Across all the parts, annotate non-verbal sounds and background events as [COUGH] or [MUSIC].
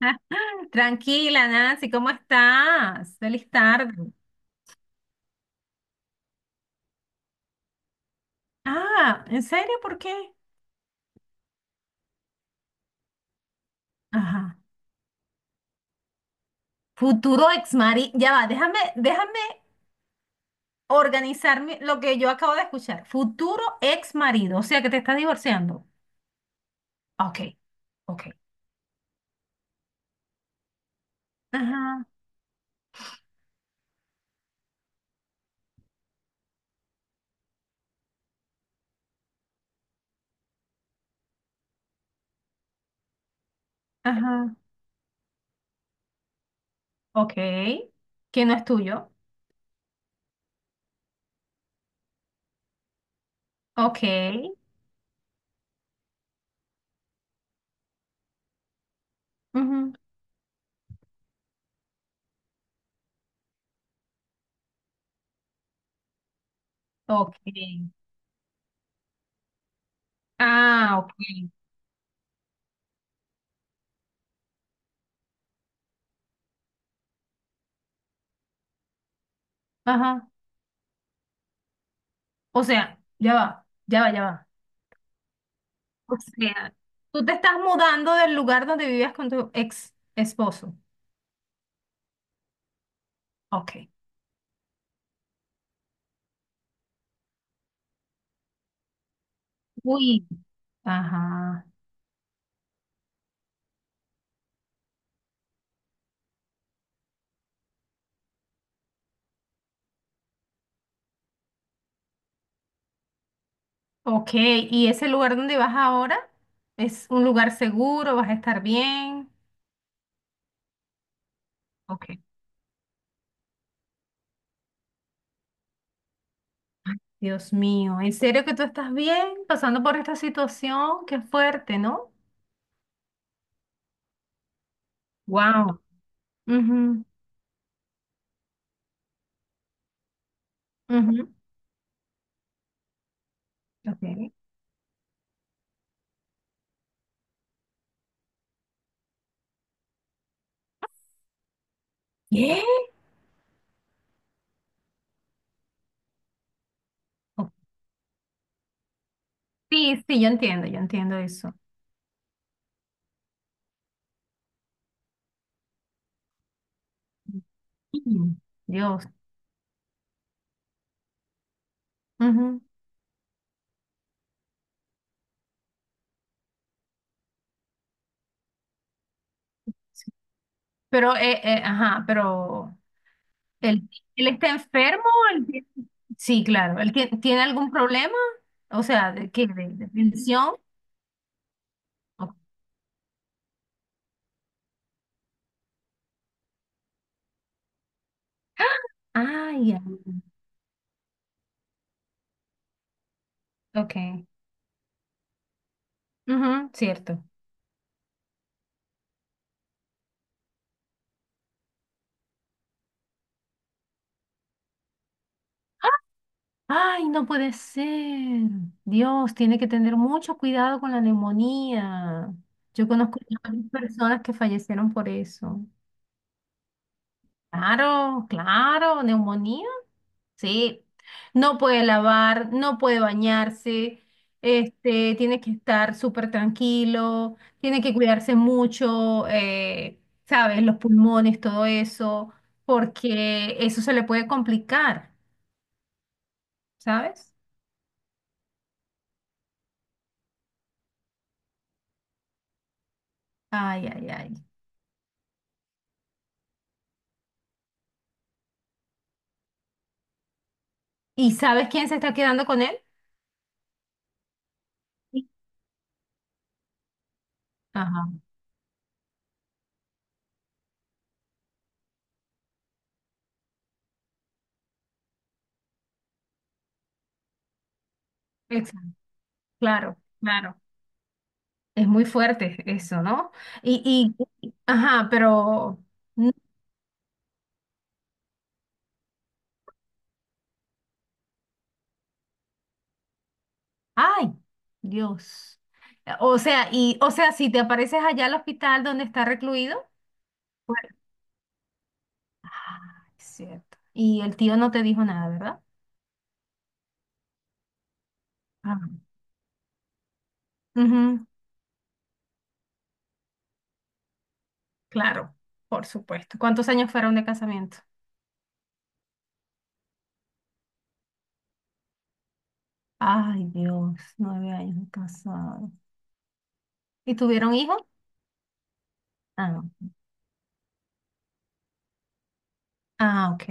[LAUGHS] Tranquila, Nancy, ¿cómo estás? Feliz tarde. Ah, ¿en serio? ¿Por qué? Ajá. Futuro ex marido. Ya va, déjame organizarme lo que yo acabo de escuchar. Futuro ex marido, o sea que te estás divorciando. Ok, ok. Ajá, ajá. Ok. Que no es tuyo. Ok. Ujú. Ok. Ah, ok. Ajá. O sea, ya va, ya va, ya va. O sea, tú te estás mudando del lugar donde vivías con tu ex esposo. Ok. Uy. Ajá. Ok. ¿Y ese lugar donde vas ahora es un lugar seguro? ¿Vas a estar bien? Ok. Dios mío, ¿en serio que tú estás bien pasando por esta situación? Qué fuerte, ¿no? Wow. Mhm. Mhm. Okay. ¿Qué? Ok. Sí, sí, yo entiendo eso. Mm. Dios. Ujú. Pero, ajá, pero. ¿Él, él está enfermo? ¿Él tiene- Sí, claro. ¿Él tiene algún problema? O sea, ¿de qué? ¿De tensión? Ok. Ah, ya. Ok. Ujú, cierto. Ay, no puede ser. Dios, tiene que tener mucho cuidado con la neumonía. Yo conozco varias personas que fallecieron por eso. Claro, claro, neumonía. Sí, no puede lavar, no puede bañarse, este, tiene que estar súper tranquilo, tiene que cuidarse mucho, ¿sabes? Los pulmones, todo eso, porque eso se le puede complicar, ¿sabes? Ay, ay, ay. ¿Y sabes quién se está quedando con él? Sí. Ajá, exacto, claro, claro. Es muy fuerte eso, ¿no? Y, ajá, pero. Ay, Dios. O sea, y, o sea, si te apareces allá al hospital donde está recluido, pues, ah, es cierto. Y el tío no te dijo nada, ¿verdad? Ah, ujú, claro, por supuesto. ¿Cuántos años fueron de casamiento? Ay, Dios, 9 años de casado. ¿Y tuvieron hijos? Ah, no. Ah, ok.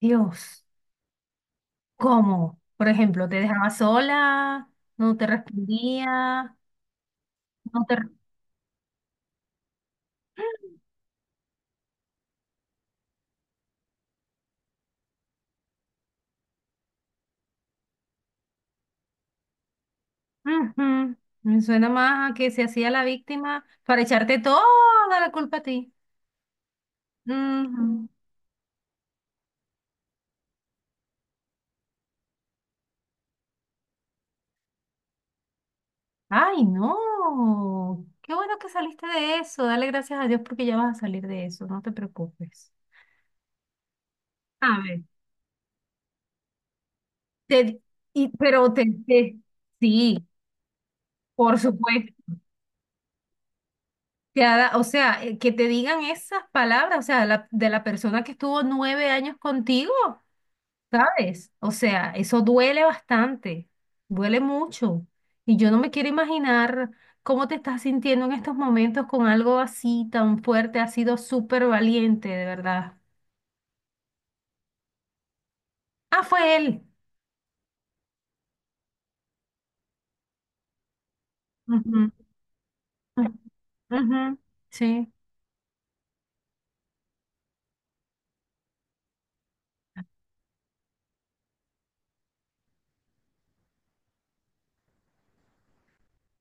Dios, ¿cómo? Por ejemplo, te dejaba sola, no te respondía, no te. Ujú. Me suena más a que se hacía la víctima para echarte toda la culpa a ti. Ujú. Ay, no. Qué bueno que saliste de eso. Dale gracias a Dios porque ya vas a salir de eso. No te preocupes. A ver, te- y, pero sí, por supuesto. Te ha o sea, que te digan esas palabras, o sea, de la persona que estuvo 9 años contigo. ¿Sabes? O sea, eso duele bastante, duele mucho. Y yo no me quiero imaginar cómo te estás sintiendo en estos momentos con algo así tan fuerte. Has sido súper valiente, de verdad. Ah, fue él. Ujú, ujú. Sí.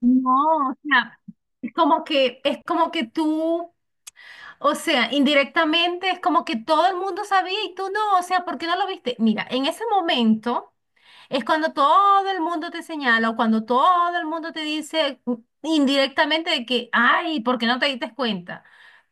No, o sea, es como que tú, o sea, indirectamente es como que todo el mundo sabía y tú no, o sea, ¿por qué no lo viste? Mira, en ese momento. Es cuando todo el mundo te señala o cuando todo el mundo te dice indirectamente de que, ay, ¿por qué no te diste cuenta?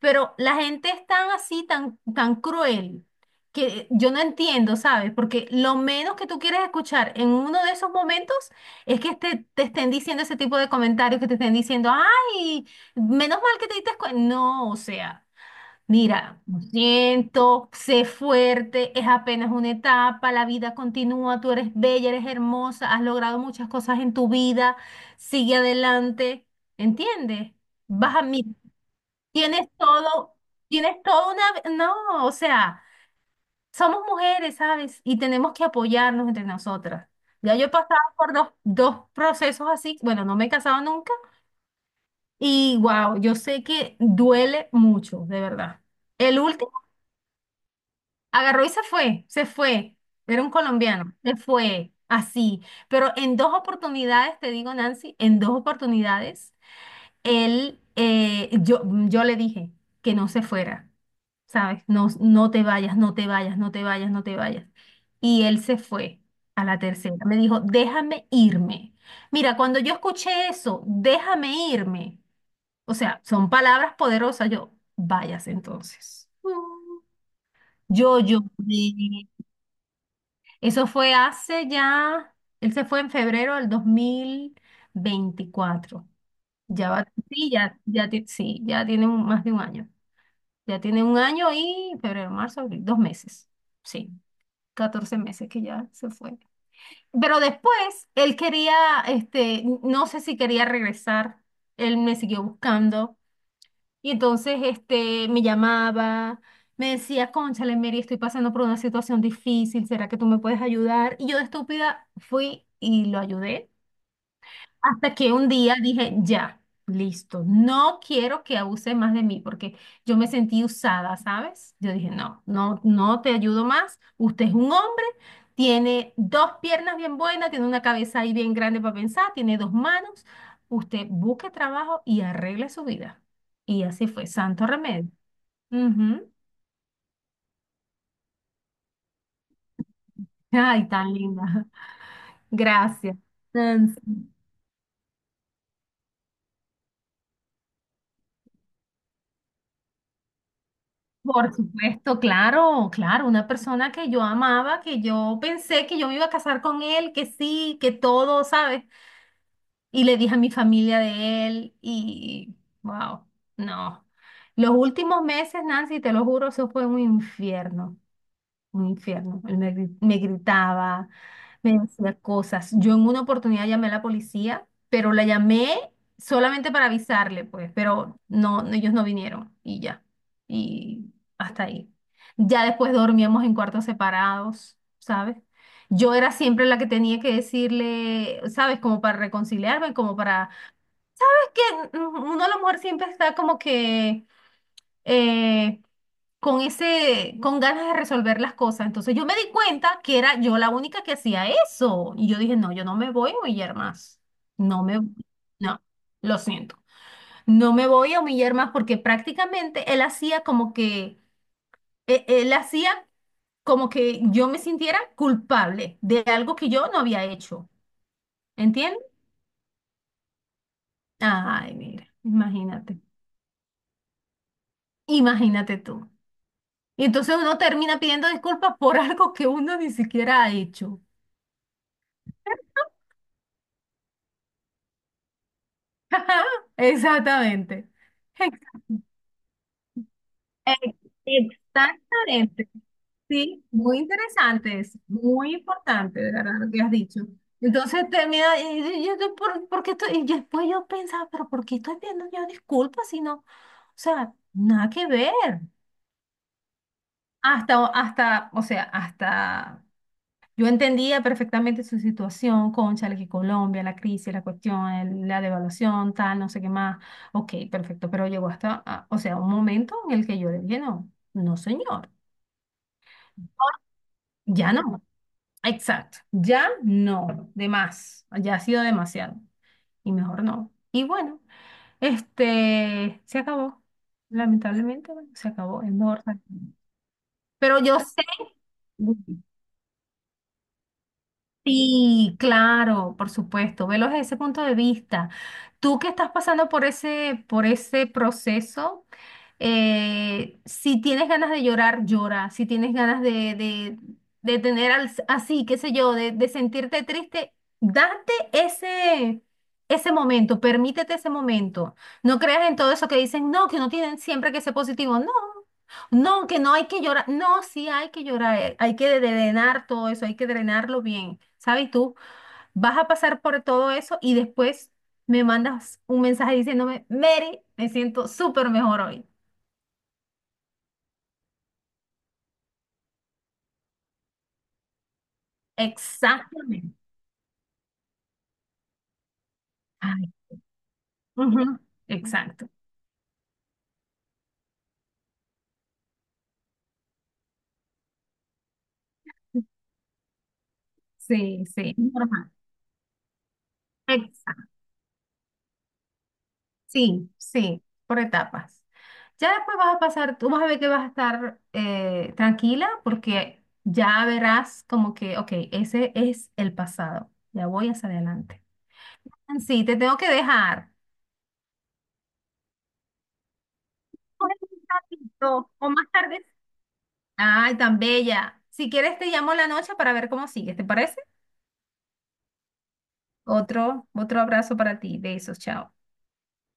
Pero la gente es tan así, tan, tan cruel, que yo no entiendo, ¿sabes? Porque lo menos que tú quieres escuchar en uno de esos momentos es que te estén diciendo ese tipo de comentarios, que te estén diciendo, ay, menos mal que te diste cuenta. No, o sea. Mira, lo siento, sé fuerte, es apenas una etapa, la vida continúa, tú eres bella, eres hermosa, has logrado muchas cosas en tu vida, sigue adelante, ¿entiendes? Vas a mí, tienes todo, tienes toda una. No, o sea, somos mujeres, ¿sabes? Y tenemos que apoyarnos entre nosotras. Ya yo he pasado por dos procesos así, bueno, no me he casado nunca y wow, yo sé que duele mucho, de verdad. El último agarró y se fue, se fue. Era un colombiano, se fue así. Pero en dos oportunidades, te digo, Nancy, en dos oportunidades, él, eh, yo, yo le dije que no se fuera, ¿sabes? No, no te vayas, no te vayas, no te vayas, no te vayas. Y él se fue a la tercera. Me dijo, déjame irme. Mira, cuando yo escuché eso, déjame irme. O sea, son palabras poderosas. Yo, vayas entonces. Mm. Yo lloré, eso fue hace ya, él se fue en febrero del 2024. Ya va, sí, ya, ya, sí, ya tiene más de un año. Ya tiene un año y febrero, marzo, abril, 2 meses. Sí, 14 meses que ya se fue. Pero después él quería, este, no sé si quería regresar. Él me siguió buscando y entonces este, me llamaba, me decía, cónchale, Mary, estoy pasando por una situación difícil, ¿será que tú me puedes ayudar? Y yo de estúpida fui y lo ayudé. Hasta que un día dije, ya, listo, no quiero que abuse más de mí porque yo me sentí usada, ¿sabes? Yo dije, no, no, no te ayudo más. Usted es un hombre, tiene dos piernas bien buenas, tiene una cabeza ahí bien grande para pensar, tiene dos manos. Usted busque trabajo y arregle su vida. Y así fue, santo remedio. Ujú. Ay, tan linda. [LAUGHS] Gracias. Tan- Por supuesto, claro, claro, una persona que yo amaba, que yo pensé que yo me iba a casar con él, que sí, que todo, ¿sabes? Y le dije a mi familia de él y, wow, no. Los últimos meses, Nancy, te lo juro, eso fue un infierno, un infierno. Él me gritaba, me decía cosas. Yo en una oportunidad llamé a la policía, pero la llamé solamente para avisarle, pues, pero no, no, ellos no vinieron y ya. Y hasta ahí. Ya después dormíamos en cuartos separados, ¿sabes? Yo era siempre la que tenía que decirle, ¿sabes? Como para reconciliarme, como para. Es que uno, la mujer siempre está como que eh, con ganas de resolver las cosas. Entonces yo me di cuenta que era yo la única que hacía eso. Y yo dije, no, yo no me voy a humillar más. No me, no, lo siento. No me voy a humillar más porque prácticamente él hacía como que, él hacía como que yo me sintiera culpable de algo que yo no había hecho. ¿Entiendes? Ay, mira, imagínate. Imagínate tú. Y entonces uno termina pidiendo disculpas por [LAUGHS] algo que uno ni siquiera ha hecho. [LAUGHS] Exactamente. Ex- Ex- Exactamente. Sí, muy interesante, es muy importante, de verdad, lo que has dicho. Entonces termina, y yo, ¿por qué estoy? Y después yo pensaba, pero ¿por qué estoy viendo yo disculpas si no? O sea, nada que ver. Hasta, o sea, hasta. Yo entendía perfectamente su situación, cónchale, que Colombia, la crisis, la cuestión, la devaluación, tal, no sé qué más. Ok, perfecto, pero llegó hasta, o sea, un momento en el que yo le dije, no, no señor, ya no, exacto, ya no, de más, ya ha sido demasiado y mejor no. Y bueno, este, se acabó, lamentablemente, bueno, se acabó, es mejor. Pero yo sé. Sí, claro, por supuesto, velo desde ese punto de vista. Tú que estás pasando por ese proceso, si tienes ganas de llorar, llora. Si tienes ganas de, de tener así, qué sé yo, de sentirte triste, date ese momento, permítete ese momento. No creas en todo eso que dicen, no, que uno tiene siempre que ser positivo. No. No, que no hay que llorar. No, sí hay que llorar. Hay que drenar todo eso, hay que drenarlo bien. ¿Sabes? Y tú vas a pasar por todo eso y después me mandas un mensaje diciéndome, Mary, me siento súper mejor hoy. Exactamente. Ay, ujú. Exacto. Sí, sí. Normal. Exacto. Sí, sí, por etapas. Ya después vas a pasar, tú vas a ver que vas a estar tranquila porque ya verás como que, ok, ese es el pasado, ya voy hacia adelante. Sí, te tengo que dejar. Pues, un ratito, o más tarde. Ay, tan bella. Si quieres, te llamo la noche para ver cómo sigues, ¿te parece? Otro abrazo para ti. Besos, chao.